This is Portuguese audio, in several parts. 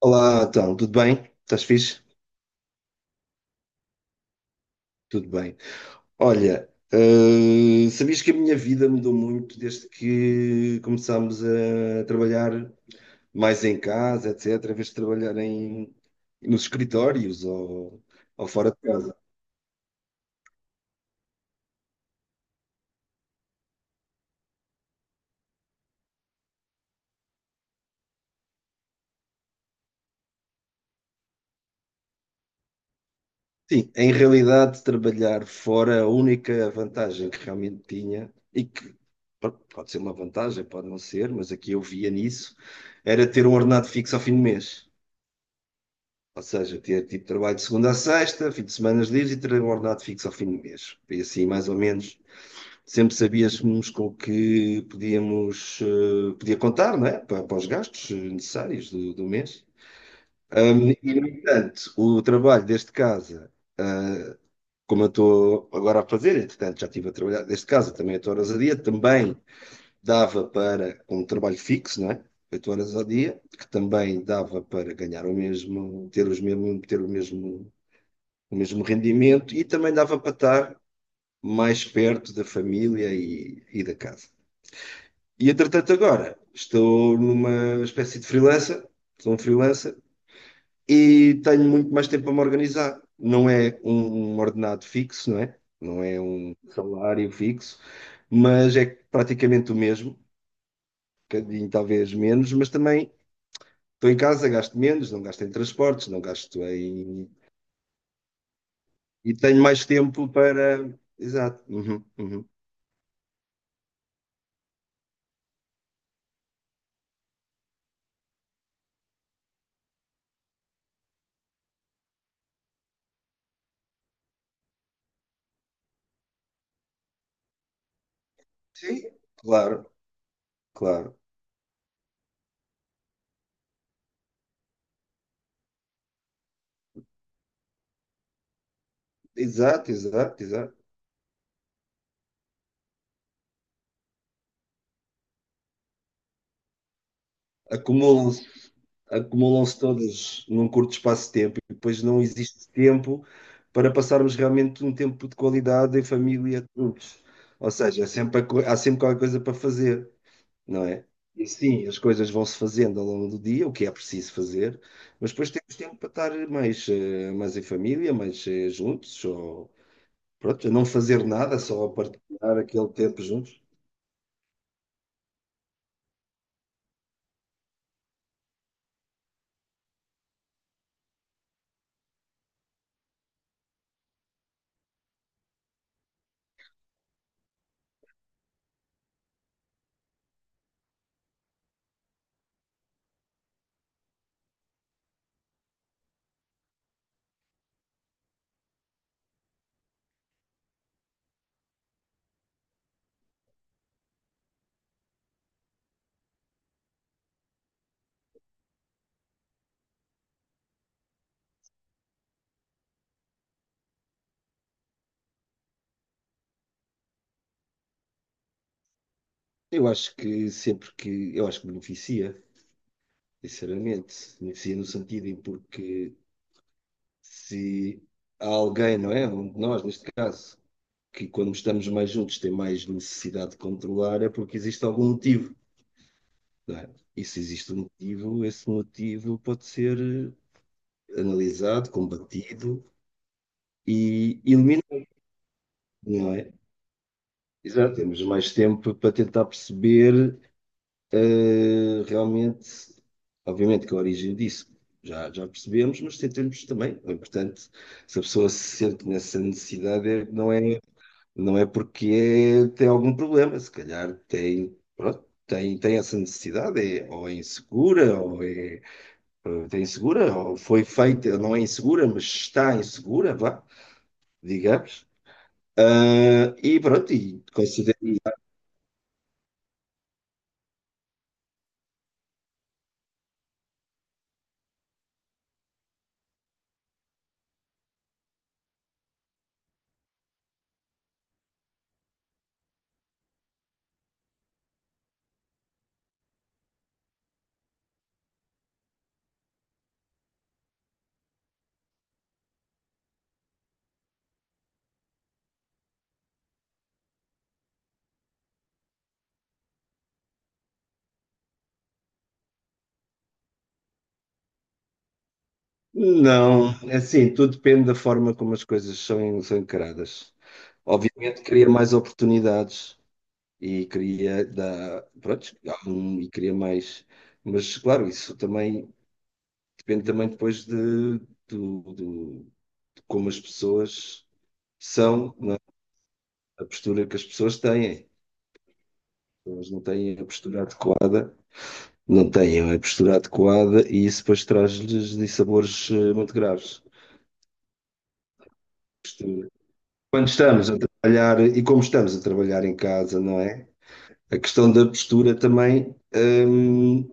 Olá, então, tudo bem? Estás fixe? Tudo bem. Olha, sabias que a minha vida mudou muito desde que começámos a trabalhar mais em casa, etc., em vez de trabalhar nos escritórios ou fora de casa. Sim, em realidade, trabalhar fora, a única vantagem que realmente tinha, e que pode ser uma vantagem, pode não ser, mas aqui eu via nisso, era ter um ordenado fixo ao fim do mês. Ou seja, ter tipo trabalho de segunda a sexta, fim de semanas livres e ter um ordenado fixo ao fim do mês. E assim, mais ou menos, sempre sabíamos com o que podíamos, podia contar, não é? Para os gastos necessários do mês. E, no entanto, o trabalho deste casa, ah, como eu estou agora a fazer, entretanto, já estive a trabalhar deste casa também 8 horas a dia, também dava para um trabalho fixo, não é? 8 horas ao dia, que também dava para ganhar o mesmo, ter os mesmo, ter o mesmo rendimento e também dava para estar mais perto da família e da casa. E entretanto agora estou numa espécie de freelancer, sou um freelancer e tenho muito mais tempo a me organizar. Não é um ordenado fixo, não é? Não é um salário fixo, mas é praticamente o mesmo, um bocadinho talvez menos, mas também estou em casa, gasto menos, não gasto em transportes, não gasto em. E tenho mais tempo para. Exato. Uhum, uhum. Sim, claro. Claro. Exato, exato, exato. Acumulam-se, acumulam-se todas num curto espaço de tempo e depois não existe tempo para passarmos realmente um tempo de qualidade em família todos. Ou seja, é sempre há sempre qualquer coisa para fazer, não é? E sim, as coisas vão-se fazendo ao longo do dia, o que é preciso fazer, mas depois temos tempo para estar mais, mais em família, mais juntos, ou pronto, não fazer nada, só partilhar aquele tempo juntos. Eu acho que sempre que. Eu acho que beneficia, sinceramente. Beneficia no sentido em porque se há alguém, não é? Um de nós, neste caso, que quando estamos mais juntos tem mais necessidade de controlar, é porque existe algum motivo, não é? E se existe um motivo, esse motivo pode ser analisado, combatido e eliminado, não é? Exato. Temos mais tempo para tentar perceber. Realmente, obviamente que a origem disso já percebemos, mas tentamos também. É importante, se a pessoa se sente nessa necessidade, não é, não é porque tem algum problema, se calhar tem, pronto, tem essa necessidade, é, ou é insegura, ou é, tem insegura, ou foi feita, não é insegura, mas está insegura, vá, digamos. E pronto, e considera. Não, é assim, tudo depende da forma como as coisas são encaradas. Obviamente cria mais oportunidades e cria da, pronto, e cria mais, mas claro, isso também depende também depois do- do- de como as pessoas são, não é? A postura que as pessoas têm. Elas não têm a postura adequada, não têm a postura adequada e isso depois traz-lhes dissabores muito graves. Quando estamos a trabalhar e como estamos a trabalhar em casa, não é? A questão da postura também,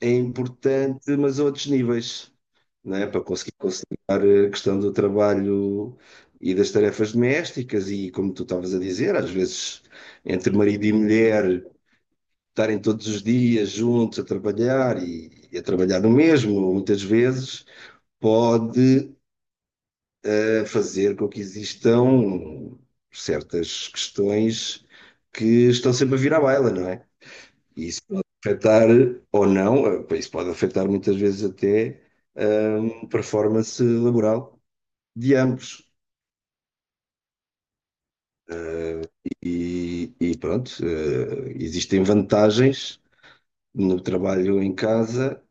é importante, mas a outros níveis, não é? Para conseguir conciliar a questão do trabalho e das tarefas domésticas e, como tu estavas a dizer, às vezes entre marido e mulher estarem todos os dias juntos a trabalhar e a trabalhar no mesmo, muitas vezes pode a fazer com que existam certas questões que estão sempre a vir à baila, não é? E isso pode afetar ou não, isso pode afetar muitas vezes até a performance laboral de ambos. E pronto, existem vantagens no trabalho em casa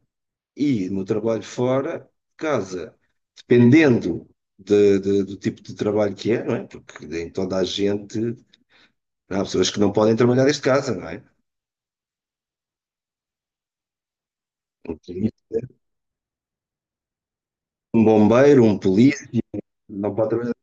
e no trabalho fora de casa, dependendo do tipo de trabalho que é, não é? Porque em toda a gente. Há pessoas que não podem trabalhar desde casa, não é? Um polícia, um bombeiro, um polícia, não pode trabalhar.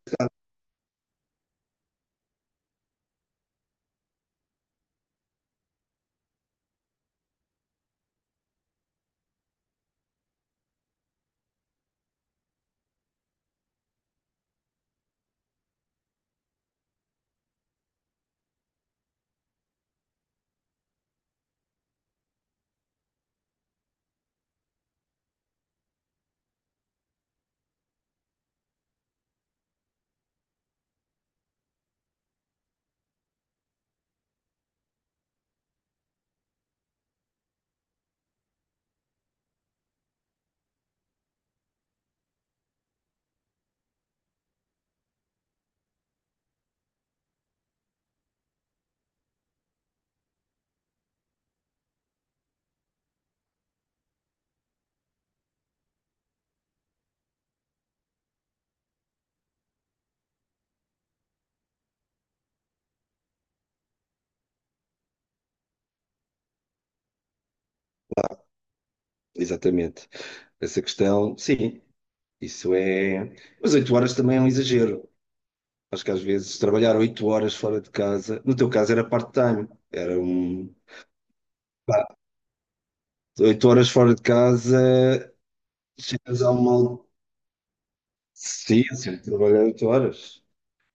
Exatamente. Essa questão, sim, isso é. Mas 8 horas também é um exagero. Acho que às vezes trabalhar 8 horas fora de casa, no teu caso era part-time, era um. Pá, 8 horas fora de casa, chegas a uma. Sim, eu sempre trabalhei 8 horas,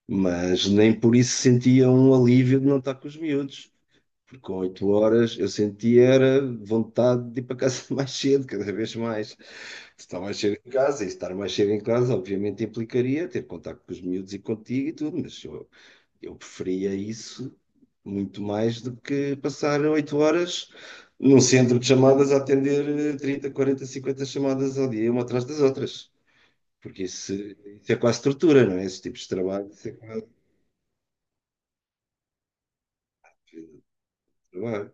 mas nem por isso sentia um alívio de não estar com os miúdos. Porque com 8 horas eu sentia era vontade de ir para casa mais cedo, cada vez mais. Estar mais cedo em casa, e estar mais cedo em casa obviamente implicaria ter contacto com os miúdos e contigo e tudo, mas eu preferia isso muito mais do que passar 8 horas num centro de chamadas a atender 30, 40, 50 chamadas ao dia, uma atrás das outras. Porque isso é quase tortura, não é? Esses tipos de trabalho, isso é quase tortura.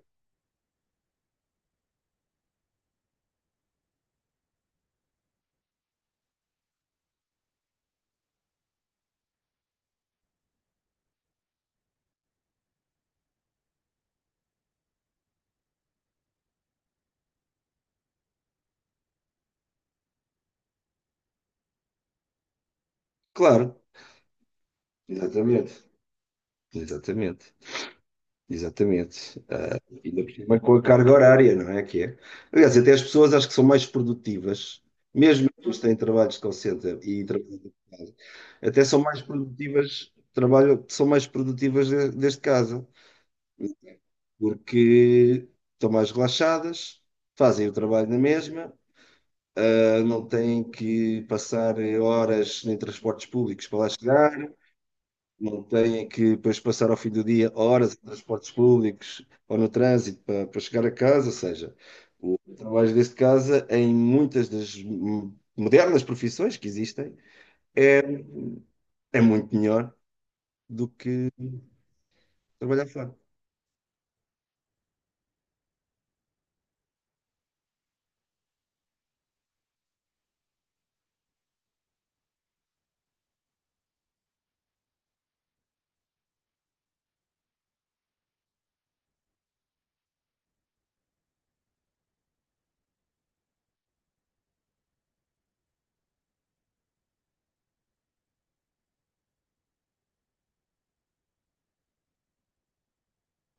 Claro, exatamente. Exatamente. Exatamente. Ainda por cima com a carga horária, não é que é? Aliás, até as pessoas acho que são mais produtivas, mesmo as pessoas que têm trabalhos de call center e trabalham de casa, até são mais produtivas, trabalham, são mais produtivas desde casa, porque estão mais relaxadas, fazem o trabalho na mesma, não têm que passar horas em transportes públicos para lá chegar, não têm que depois passar ao fim do dia horas em transportes públicos ou no trânsito para chegar a casa, ou seja, o trabalho desde casa em muitas das modernas profissões que existem é, é muito melhor do que trabalhar fora.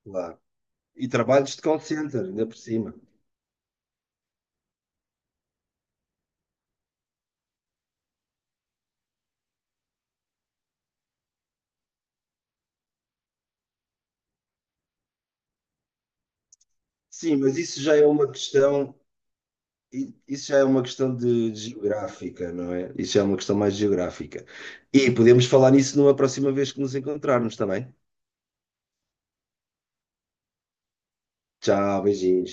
Claro. E trabalhos de call center, ainda por cima. Sim, mas isso já é uma questão, isso já é uma questão de geográfica, não é? Isso já é uma questão mais geográfica. E podemos falar nisso numa próxima vez que nos encontrarmos, está bem? Tchau, beijinhos.